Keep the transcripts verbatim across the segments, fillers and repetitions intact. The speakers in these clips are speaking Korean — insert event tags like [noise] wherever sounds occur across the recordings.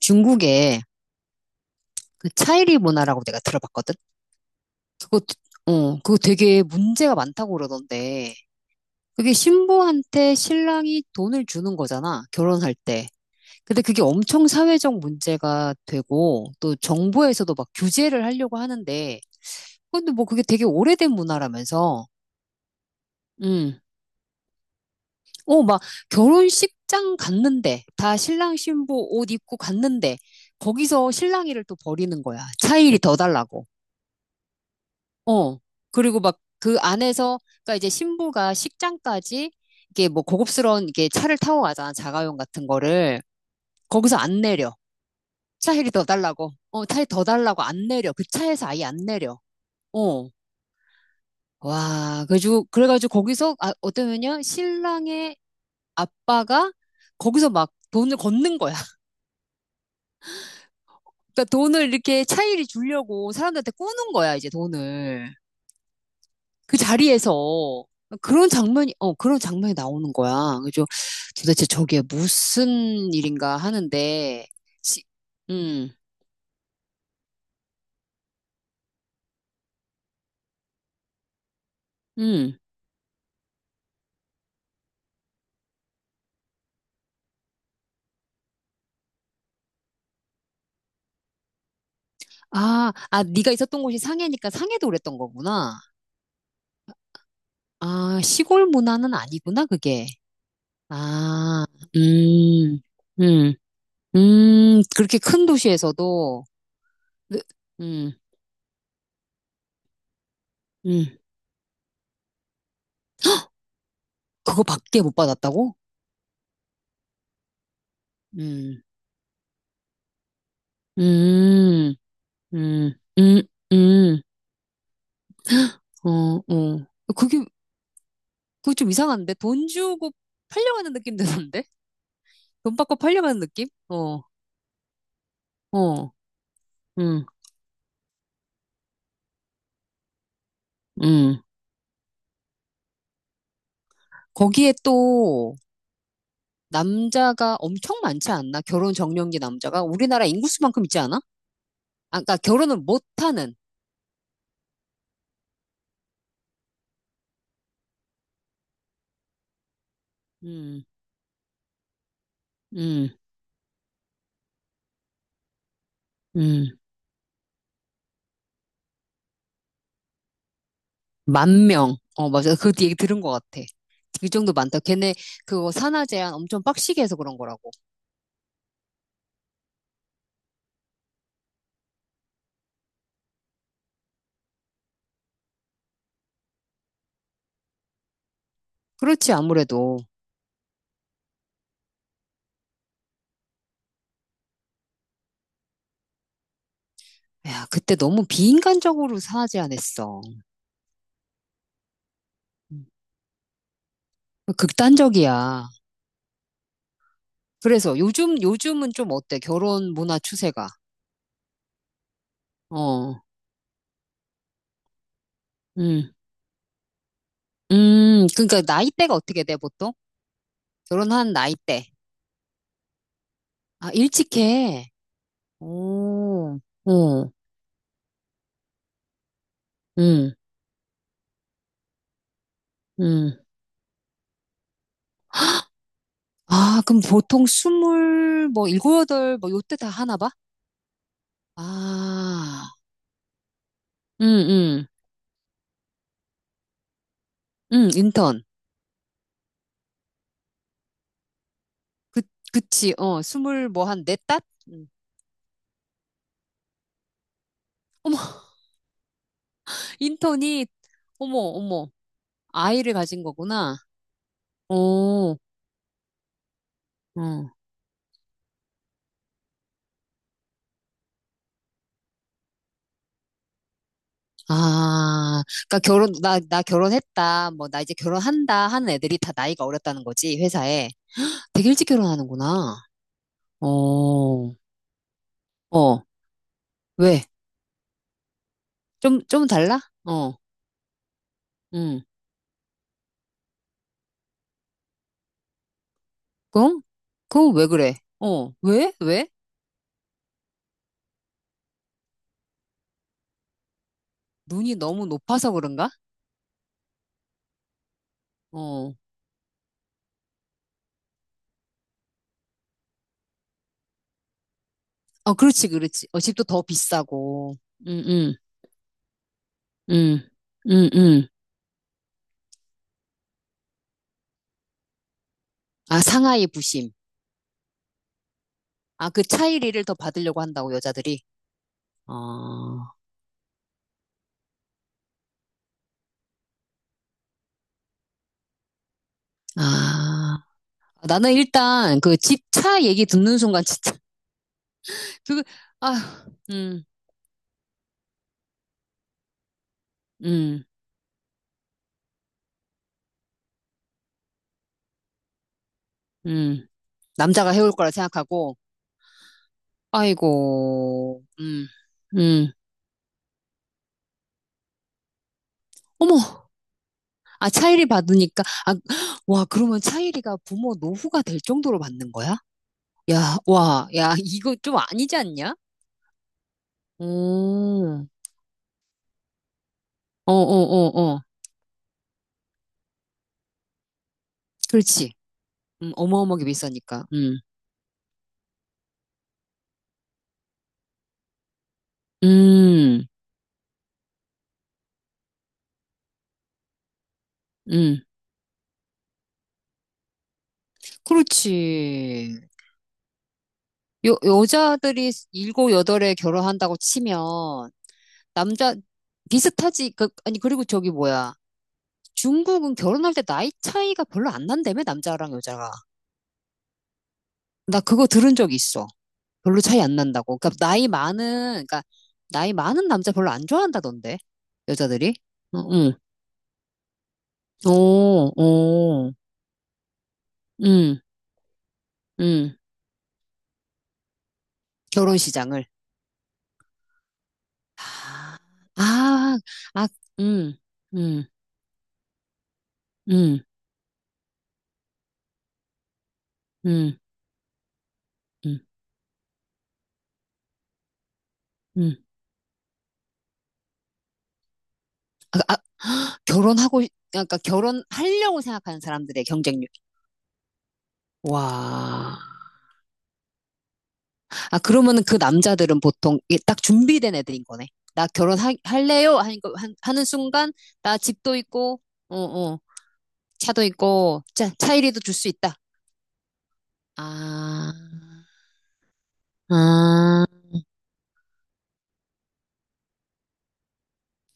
중국에 그 차이리 문화라고 내가 들어봤거든? 그거, 어, 그거 되게 문제가 많다고 그러던데. 그게 신부한테 신랑이 돈을 주는 거잖아, 결혼할 때. 근데 그게 엄청 사회적 문제가 되고, 또 정부에서도 막 규제를 하려고 하는데, 근데 뭐 그게 되게 오래된 문화라면서, 음. 어, 막 결혼식장 갔는데, 다 신랑 신부 옷 입고 갔는데, 거기서 신랑이를 또 버리는 거야. 차일이 더 달라고. 어. 그리고 막 그 안에서, 그러니까 이제 신부가 식장까지 이게 뭐 고급스러운 이게 차를 타고 가잖아. 자가용 같은 거를. 거기서 안 내려. 차일이 더 달라고. 어, 차이 더 달라고 안 내려. 그 차에서 아예 안 내려. 어. 와, 그래가지고, 그래가지고 거기서, 아, 어떠면요? 신랑의 아빠가 거기서 막 돈을 걷는 거야. [laughs] 그러니까 돈을 이렇게 차일이 주려고 사람들한테 꾸는 거야, 이제 돈을. 그 자리에서 그런 장면이, 어, 그런 장면이 나오는 거야. 그래서 도대체 저게 무슨 일인가 하는데, 시, 음, 음. 아, 아, 네가 있었던 곳이 상해니까 상해도 그랬던 거구나. 아, 시골 문화는 아니구나, 그게. 아, 음, 음, 음, 그렇게 큰 도시에서도, 느- 음, 음, 그거밖에 못 받았다고? 음, 음, 음, 음, 음. 어, 어. 그게, 그게 좀 이상한데? 돈 주고 팔려가는 느낌 드는데? [laughs] 돈 받고 팔려가는 느낌? 어, 어, 음, 음. 거기에 또, 남자가 엄청 많지 않나? 결혼 적령기 남자가? 우리나라 인구수만큼 있지 않아? 아, 그러니까 결혼을 못하는, 음, 음, 음. 만 명. 어, 맞아. 그 얘기 들은 것 같아. 이 정도 많다. 걔네 그거 산하 제한 엄청 빡시게 해서 그런 거라고. 그렇지, 아무래도. 야, 그때 너무 비인간적으로 산하 제한했어. 극단적이야. 그래서 요즘, 요즘은 좀 어때? 결혼 문화 추세가. 어. 음, 음, 그러니까 나이대가 어떻게 돼, 보통? 결혼한 나이대. 아, 일찍 해. 오, 어, 음, 음. 아, 그럼 보통 스물, 뭐, 일곱, 여덟, 뭐, 요때 다 하나 봐? 아, 음, 음, 음, 인턴. 그, 그치, 어, 스물, 뭐, 한, 넷 땄? 음. 어머, [laughs] 인턴이, 어머, 어머, 아이를 가진 거구나. 어, 응. 아, 그러니까 결혼, 나, 나 결혼했다, 뭐, 나 이제 결혼한다 하는 애들이 다 나이가 어렸다는 거지, 회사에. 되게 일찍 결혼하는구나. 어, 어, 왜? 좀, 좀 달라? 어, 응. 그럼? 그럼 왜 그래? 어, 왜? 왜? 눈이 너무 높아서 그런가? 어, 아, 그렇지, 그렇지. 어, 집도 더 비싸고. 응, 응, 응, 응, 응. 아, 상하이 부심. 아, 그 차이리를 더 받으려고 한다고, 여자들이. 어, 아. 아, 나는 일단 그 집 차 얘기 듣는 순간 진짜 [laughs] 그 아, 음, 음, 음. 남자가 해올 거라 생각하고 아이고. 음. 음. 어머. 아, 차일이 받으니까 아, [gasps] 와, 그러면 차일이가 부모 노후가 될 정도로 받는 거야? 야, 와. 야, 이거 좀 아니지 않냐? 오. 어, 어, 어, 어. 그렇지. 음, 어마어마하게 비싸니까. 음. 음. 음. 그렇지. 요, 여자들이 일곱 여덟에 결혼한다고 치면 남자 비슷하지 그 아니 그리고 저기 뭐야 중국은 결혼할 때 나이 차이가 별로 안 난다며 남자랑 여자가 나 그거 들은 적 있어 별로 차이 안 난다고 그러니까 나이 많은 그러니까 나이 많은 남자 별로 안 좋아한다던데 여자들이 응, 응. 오, 오, 응, 응. 결혼 시장을 아, 아, 아, 음, 음, 음, 음, 음, 음. 아, [gasps] 결혼하고, 싶- 그러니까 결혼하려고 생각하는 사람들의 경쟁률. 와. 아, 그러면은 그 남자들은 보통 이게 딱 준비된 애들인 거네. 나 결혼할래요? 하니까, 한- 하는 순간, 나 집도 있고, 어, 어, 차도 있고, 자, 차이리도 줄 수 있다. 아, 아,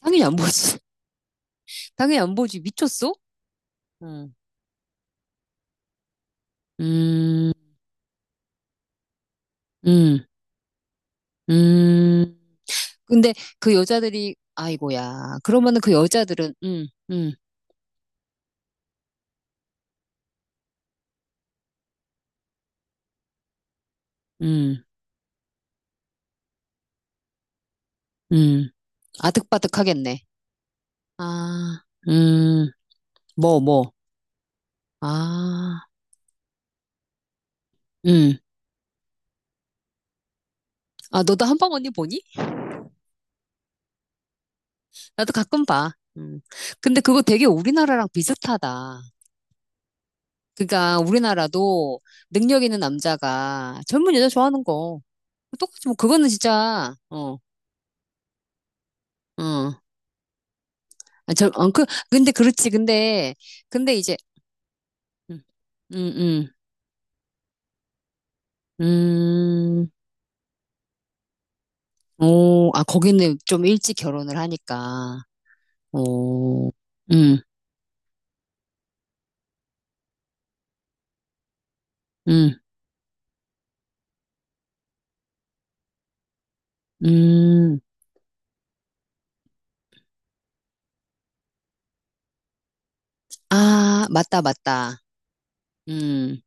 당연히 안 보지. [laughs] 당연히 안 보지. 미쳤어? 응. 음, 음, 음. 근데 그 여자들이, 아이고야. 그러면은 그 여자들은, 음, 음, 음. 음, 아득바득하겠네. 아, 음, 뭐, 뭐. 아, 음. 아, 너도 한방 언니 보니? 나도 가끔 봐. 음. 근데 그거 되게 우리나라랑 비슷하다. 그러니까 우리나라도 능력 있는 남자가 젊은 여자 좋아하는 거. 똑같이 뭐 그거는 진짜, 어, 어. 아, 저, 어, 그, 근데 그렇지. 근데, 근데 이제, 음, 음, 음. 음. 오, 아, 거기는 좀 일찍 결혼을 하니까. 오. 음. 음, 음. 아, 맞다, 맞다. 음,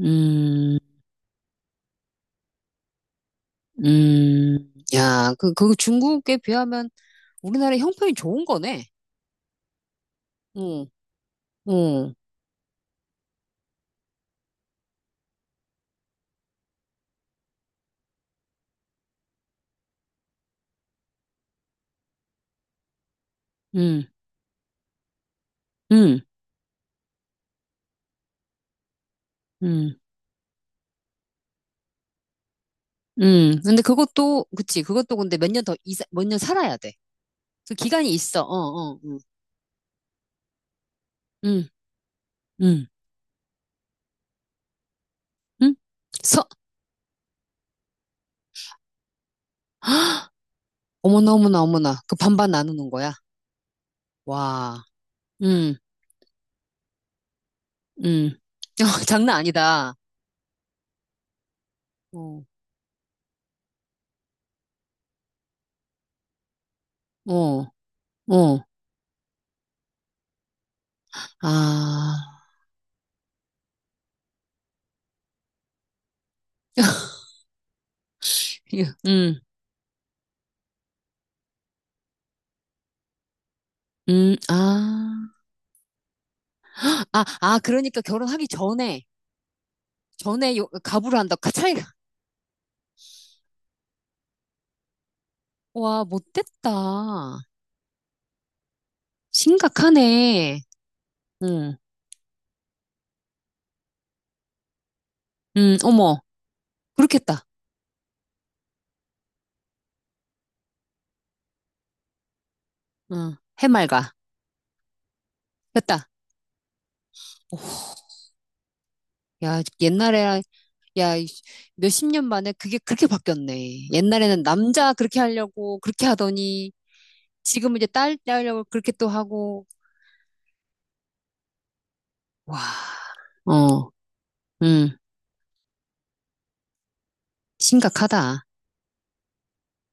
음, 음. 야, 그, 그 중국에 비하면 우리나라 형편이 좋은 거네. 어, 어, 음, 음, 음, 음. 근데 그것도, 그치, 그것도 근데 몇 년 더, 몇 년 살아야 돼. 그 기간이 있어, 어, 어, 어. 음, 음, 음. 서, 어머나, 어머나, 어머나. 그 반반 나누는 거야. 와, 음, 음. [laughs] 장난 아니다. 어, 어, 어. 아. 예, 음, 음, 아, 아, 아, 그러니까 결혼하기 전에, 전에 요, 가부를 한다. 그 차이가, 와, 못됐다. 심각하네. 응, 응, 어머, 그렇겠다. 응, 해맑아. 됐다. 오, 야, 옛날에, 야, 이 몇십 년 만에 그게 그렇게 바뀌었네. 옛날에는 남자 그렇게 하려고, 그렇게 하더니, 지금은 이제 딸, 딸 하려고 그렇게 또 하고, 와, 어, 응, 심각하다.